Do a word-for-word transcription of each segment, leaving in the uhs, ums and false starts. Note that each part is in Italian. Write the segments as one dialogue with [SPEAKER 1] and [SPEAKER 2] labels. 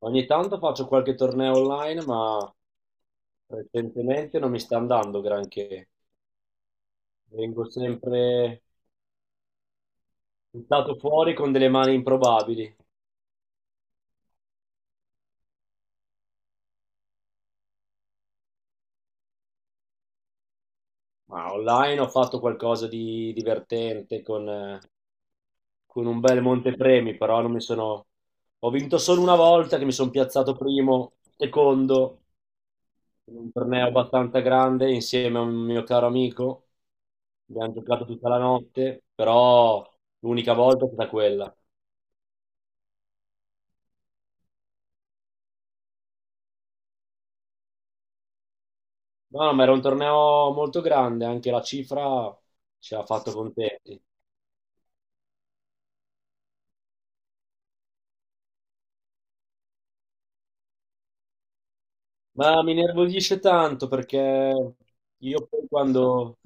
[SPEAKER 1] Ogni tanto faccio qualche torneo online, ma recentemente non mi sta andando granché. Vengo sempre buttato fuori con delle mani improbabili. Ma online ho fatto qualcosa di divertente con, eh, con un bel montepremi, però non mi sono... Ho vinto solo una volta che mi sono piazzato primo, secondo, in un torneo abbastanza grande insieme a un mio caro amico. Abbiamo giocato tutta la notte, però l'unica volta è stata quella. No, no, ma era un torneo molto grande, anche la cifra ci ha fatto contenti. Ma mi nervosisce tanto perché io poi quando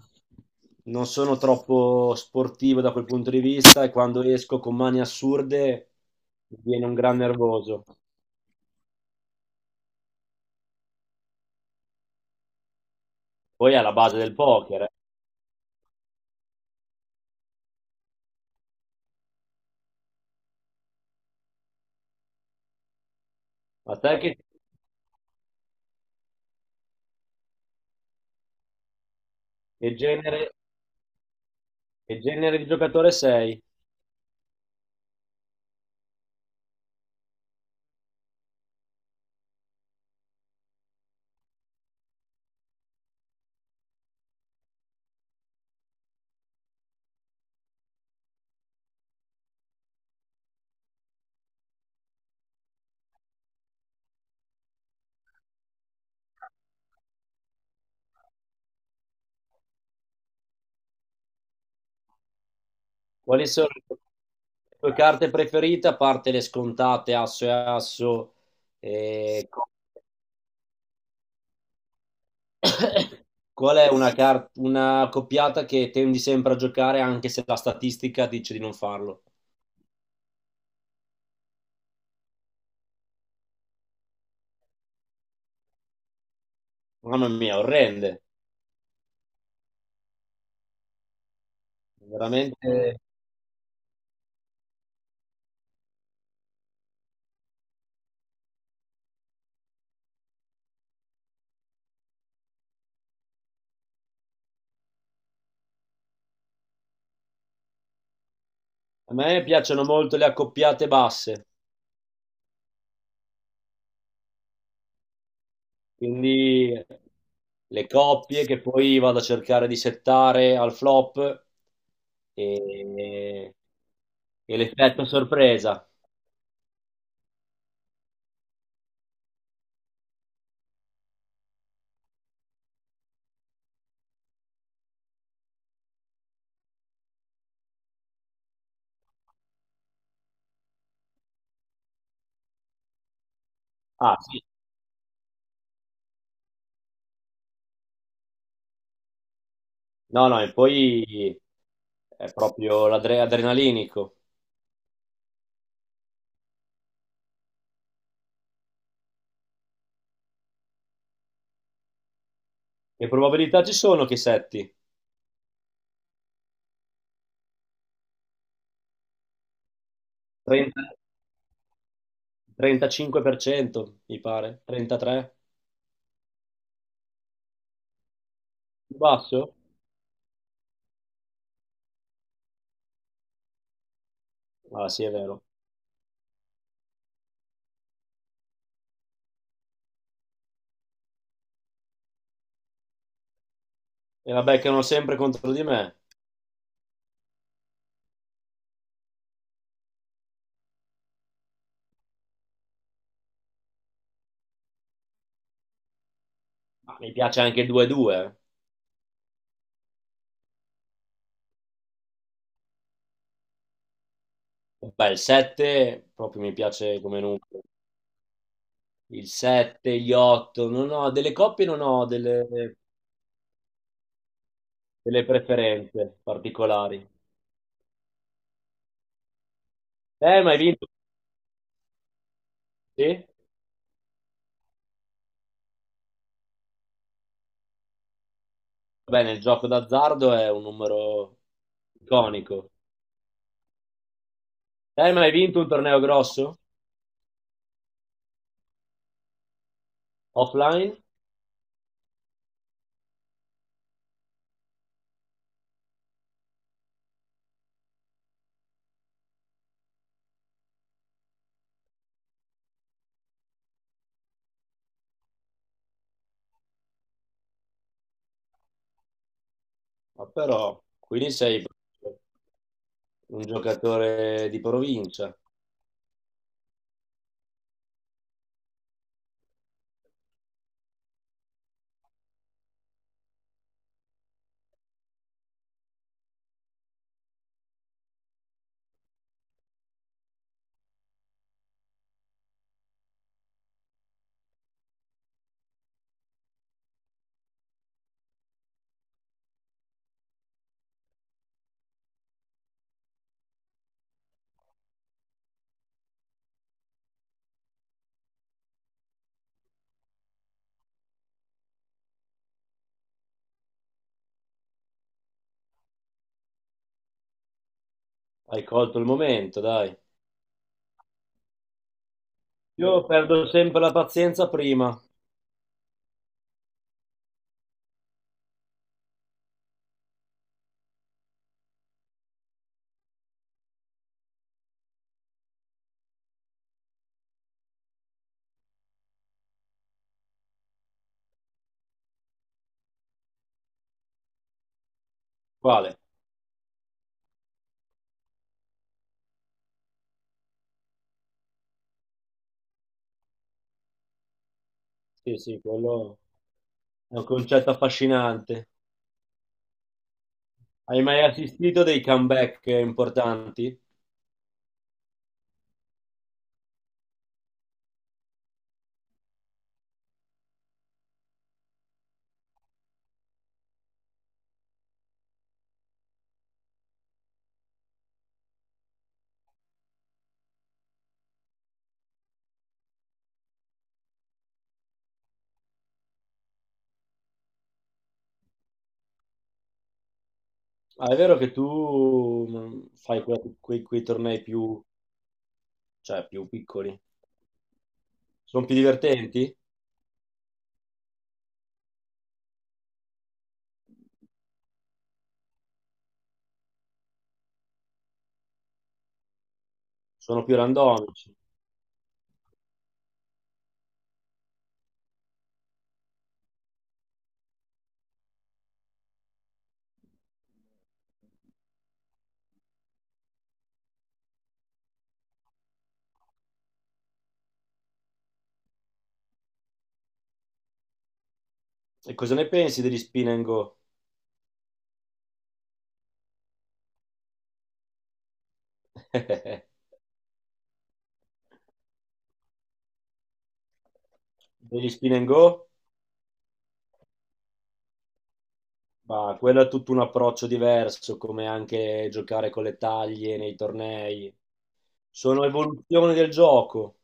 [SPEAKER 1] non sono troppo sportivo da quel punto di vista e quando esco con mani assurde mi viene un gran nervoso. Poi è alla base del poker. Eh. A te che, che genere, che genere di giocatore sei? Quali sono le tue carte preferite, a parte le scontate, asso e asso? E... Qual è una, car- una coppiata che tendi sempre a giocare anche se la statistica dice di non farlo? Mamma mia, orrende. Veramente. A me piacciono molto le accoppiate basse, quindi le coppie che poi vado a cercare di settare al flop e, e l'effetto sorpresa. Ah, sì. No, no, e poi è proprio l'adrenalinico. Che probabilità ci sono che setti? trenta trentacinque per cento, mi pare, trentatré per cento, più basso? Ah sì, è vero. E la beccano sempre contro di me. Ma mi piace anche il due due. Eh. Beh, il sette proprio mi piace come numero. Il sette, gli otto, non ho delle coppie, non ho delle, delle preferenze particolari. Eh, ma hai vinto? Sì? Beh, nel gioco d'azzardo è un numero iconico. Eh, ma hai vinto un torneo grosso? Offline? Ma però, quindi sei... un giocatore di provincia. Hai colto il momento, dai. Io perdo sempre la pazienza prima. Quale? Sì, sì, quello è un concetto affascinante. Hai mai assistito a dei comeback eh, importanti? Ah, è vero che tu mh, fai que- quei, quei tornei più, cioè, più piccoli. Sono più divertenti? Sono più randomici. E cosa ne pensi degli spin and go? Degli spin and go? Ma quello è tutto un approccio diverso, come anche giocare con le taglie nei tornei. Sono evoluzioni del gioco.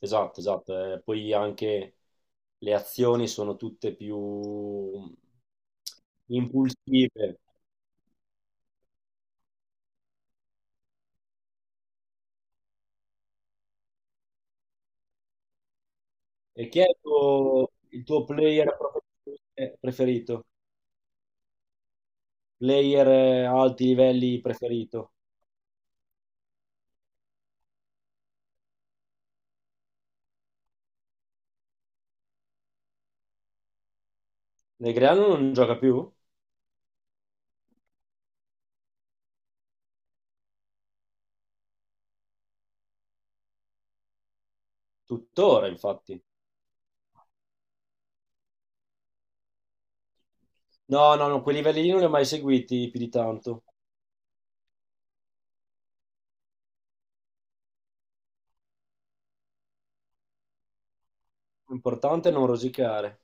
[SPEAKER 1] Esatto, esatto. Eh, poi anche le azioni sono tutte più impulsive. E chi è il tuo, il tuo player profe- preferito? Player eh, a alti livelli preferito? Negreanu non gioca più? Tuttora, infatti. No, no, no, quei livelli lì non li ho mai seguiti più di tanto. L'importante è non rosicare.